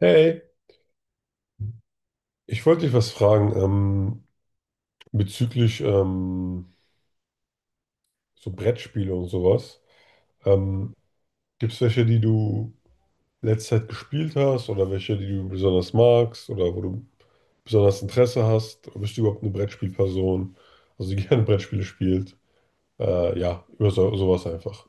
Hey, ich wollte dich was fragen, bezüglich, so Brettspiele und sowas. Ähm, gibt es welche, die du letzte Zeit gespielt hast, oder welche, die du besonders magst, oder wo du besonders Interesse hast? Bist du überhaupt eine Brettspielperson, also die gerne Brettspiele spielt? Ja, über so, sowas einfach.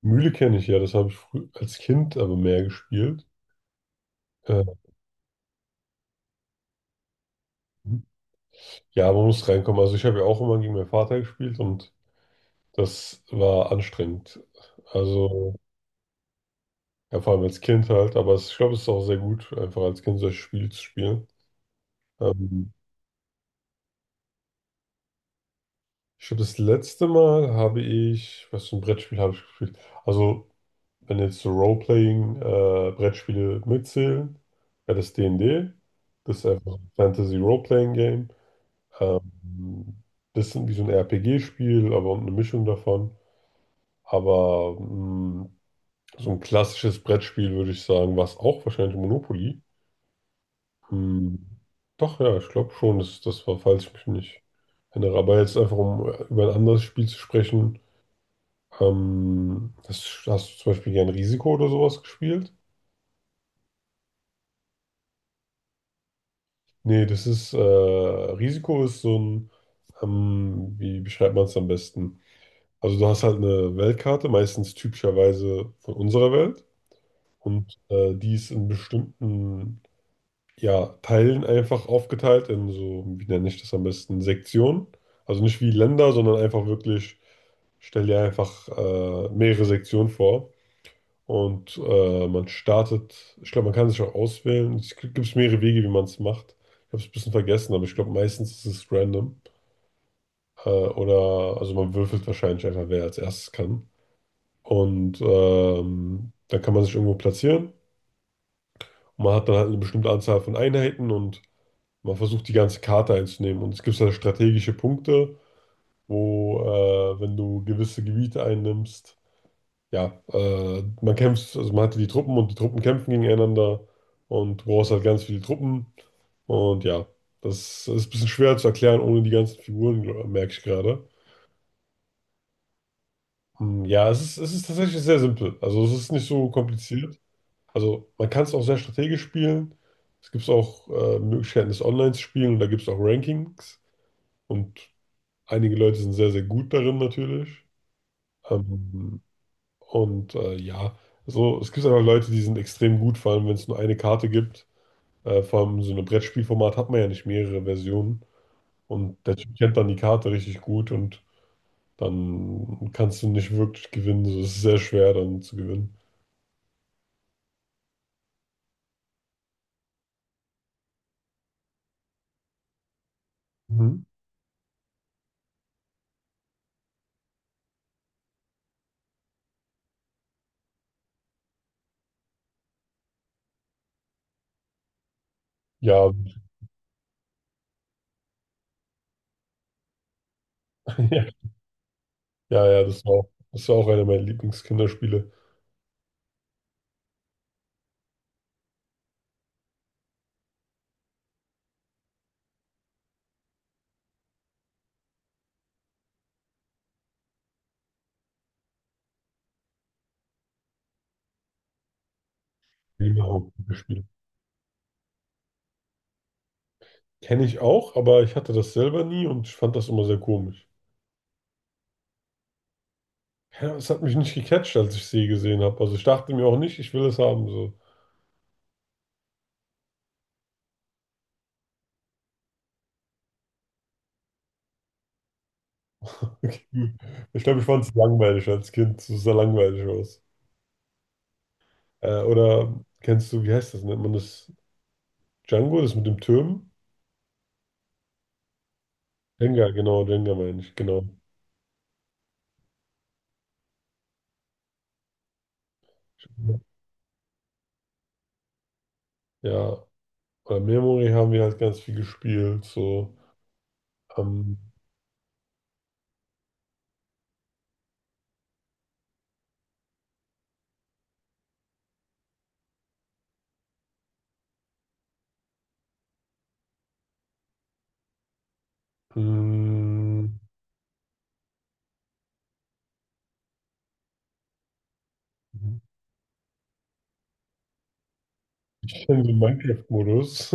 Mühle kenne ich ja, das habe ich früh als Kind aber mehr gespielt. Äh, ja, man muss reinkommen. Also ich habe ja auch immer gegen meinen Vater gespielt, und das war anstrengend. Also, ja, vor allem als Kind halt, aber es, ich glaube, es ist auch sehr gut, einfach als Kind solche Spiele zu spielen. Ähm, ich glaube, das letzte Mal habe ich, was für ein Brettspiel habe ich gespielt? Also, wenn jetzt so Role-Playing-Brettspiele mitzählen, wäre das D&D. Das ist einfach ein Fantasy-Role-Playing-Game. Ähm, bisschen wie so ein RPG-Spiel, aber eine Mischung davon. Aber so ein klassisches Brettspiel, würde ich sagen, war es auch wahrscheinlich Monopoly. Hm. Doch, ja, ich glaube schon, dass das war, falls ich mich nicht erinnere. Aber jetzt einfach, um über ein anderes Spiel zu sprechen. Das, hast du zum Beispiel gern Risiko oder sowas gespielt? Nee, das ist, Risiko ist so ein, wie beschreibt man es am besten? Also du hast halt eine Weltkarte, meistens typischerweise von unserer Welt. Und die ist in bestimmten, ja, Teilen einfach aufgeteilt in so, wie nenne ich das am besten, Sektionen. Also nicht wie Länder, sondern einfach wirklich, stell dir einfach mehrere Sektionen vor. Und man startet, ich glaube, man kann sich auch auswählen. Es gibt mehrere Wege, wie man es macht. Ich habe es ein bisschen vergessen, aber ich glaube, meistens ist es random. Oder, also man würfelt wahrscheinlich einfach, wer als erstes kann. Und dann kann man sich irgendwo platzieren. Und man hat dann halt eine bestimmte Anzahl von Einheiten, und man versucht die ganze Karte einzunehmen. Und es gibt halt strategische Punkte, wo, wenn du gewisse Gebiete einnimmst, ja, man kämpft, also man hat die Truppen und die Truppen kämpfen gegeneinander, und du brauchst halt ganz viele Truppen. Und ja, das ist ein bisschen schwer zu erklären ohne die ganzen Figuren, merke ich gerade. Hm. Ja, es ist tatsächlich sehr simpel. Also es ist nicht so kompliziert. Also man kann es auch sehr strategisch spielen. Es gibt auch Möglichkeiten, es online zu spielen, und da gibt es auch Rankings. Und einige Leute sind sehr, sehr gut darin natürlich. Ähm, und ja, so, es gibt einfach Leute, die sind extrem gut, vor allem wenn es nur eine Karte gibt. Vor allem so ein Brettspielformat hat man ja nicht mehrere Versionen. Und der Typ kennt dann die Karte richtig gut, und dann kannst du nicht wirklich gewinnen. So, es ist sehr schwer dann zu gewinnen. Mhm. Ja, ja, ja, das war, das war auch einer meiner Lieblingskinderspiele. Prima. Kenne ich auch, aber ich hatte das selber nie, und ich fand das immer sehr komisch. Ja, es hat mich nicht gecatcht, als ich sie gesehen habe. Also ich dachte mir auch nicht, ich will es haben. So. Okay. Ich glaube, ich fand es langweilig als Kind. Es sah langweilig aus. Oder kennst du, wie heißt das? Nennt man das Django, das mit dem Türm? Jenga, genau, Jenga meine ich, genau. Ja, oder Memory haben wir halt ganz viel gespielt. So. Ähm, mh, ich kenne den Minecraft-Modus,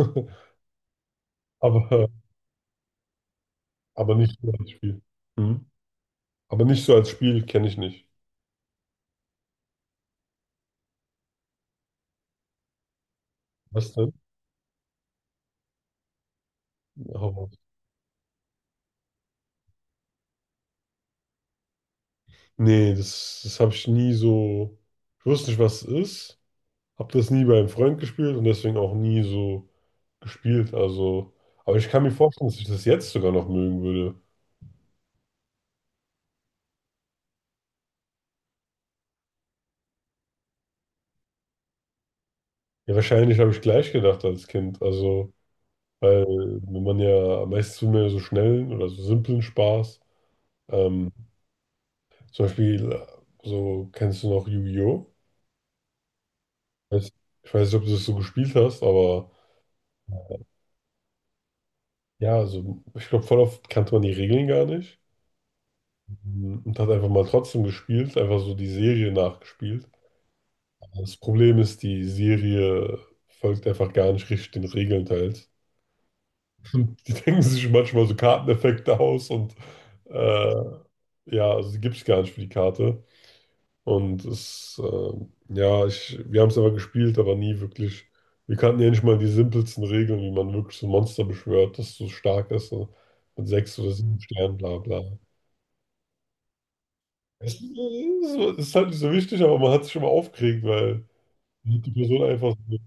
aber, aber nicht so als Spiel. Hm? Aber nicht so als Spiel kenne ich nicht. Was denn? Hau. Nee, das, das habe ich nie so. Ich wusste nicht, was es ist. Habe das nie bei einem Freund gespielt, und deswegen auch nie so gespielt. Also, aber ich kann mir vorstellen, dass ich das jetzt sogar noch mögen würde. Ja, wahrscheinlich habe ich gleich gedacht als Kind. Also, weil wenn man ja, meistens will man ja so schnellen oder so simplen Spaß. Ähm, zum Beispiel, so, kennst du noch Yu-Gi-Oh? Weiß- Ich weiß nicht, ob du das so gespielt hast, aber ja, also ich glaube, voll oft kannte man die Regeln gar nicht. Und hat einfach mal trotzdem gespielt, einfach so die Serie nachgespielt. Das Problem ist, die Serie folgt einfach gar nicht richtig den Regeln teils. Und die denken sich manchmal so Karteneffekte aus, und äh, ja, also die gibt es gar nicht für die Karte. Und es, ja, ich, wir haben es aber gespielt, aber nie wirklich. Wir kannten ja nicht mal die simpelsten Regeln, wie man wirklich so ein Monster beschwört, das so stark ist, so mit sechs oder sieben Sternen, bla bla. Es ist, so, es ist halt nicht so wichtig, aber man hat sich schon mal aufgeregt, weil die Person einfach so,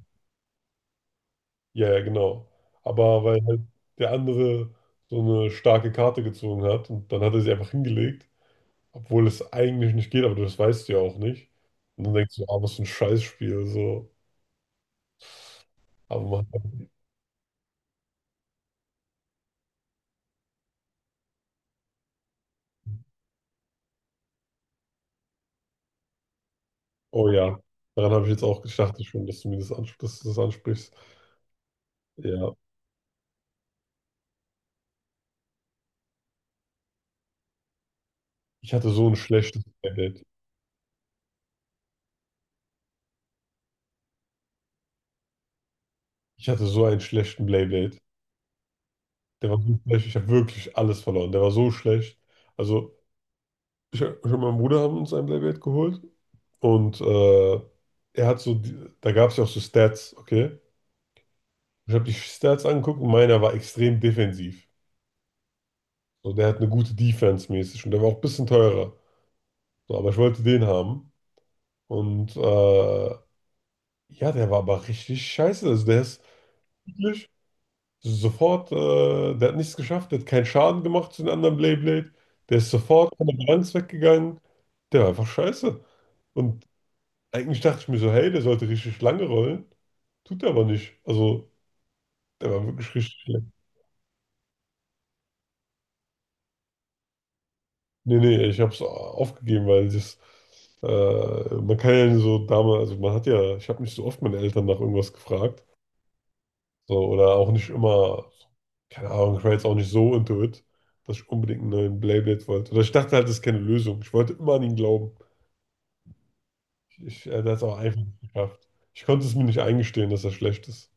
ja, ja, genau. Aber weil halt der andere so eine starke Karte gezogen hat und dann hat er sie einfach hingelegt, obwohl es eigentlich nicht geht, aber das weißt du ja auch nicht. Und dann denkst du, ah, was für ein Scheißspiel, so. Aber man hat, oh ja, daran habe ich jetzt auch gedacht, ich schon, dass du mir das, ansp dass du das ansprichst. Ja, ich hatte so ein schlechtes Playdate. Ich hatte so einen schlechten Playdate. Der war so schlecht, ich habe wirklich alles verloren. Der war so schlecht. Also, ich und mein Bruder haben uns ein Blackberry geholt, und er hat so, die, da gab es ja auch so Stats, okay? Ich habe die Stats angeguckt, und meiner war extrem defensiv. So, der hat eine gute Defense mäßig, und der war auch ein bisschen teurer. So, aber ich wollte den haben, und ja, der war aber richtig scheiße. Also, der ist wirklich sofort, der hat nichts geschafft, der hat keinen Schaden gemacht zu den anderen Blade. Der ist sofort von der Balance weggegangen. Der war einfach scheiße. Und eigentlich dachte ich mir so, hey, der sollte richtig lange rollen. Tut er aber nicht. Also, der war wirklich richtig schlecht. Nee, nee, ich habe es aufgegeben, weil das, man kann ja so damals, also man hat ja, ich habe nicht so oft meine Eltern nach irgendwas gefragt. So, oder auch nicht immer, keine Ahnung, ich war jetzt auch nicht so into it, dass ich unbedingt einen neuen Beyblade wollte. Oder ich dachte halt, das ist keine Lösung. Ich wollte immer an ihn glauben. Ich, er hat es auch einfach nicht geschafft. Ich konnte es mir nicht eingestehen, dass er schlecht ist.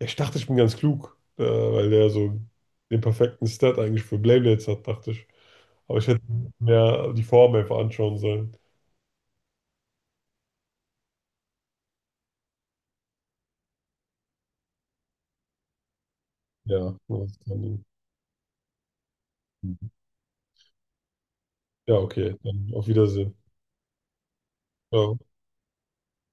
Ja, ich dachte, ich bin ganz klug, weil der so den perfekten Stat eigentlich für Beyblades hat, dachte ich. Aber ich hätte mehr die Form einfach anschauen sollen. Ja, das kann ich. Ja, okay, dann auf Wiedersehen. Ciao.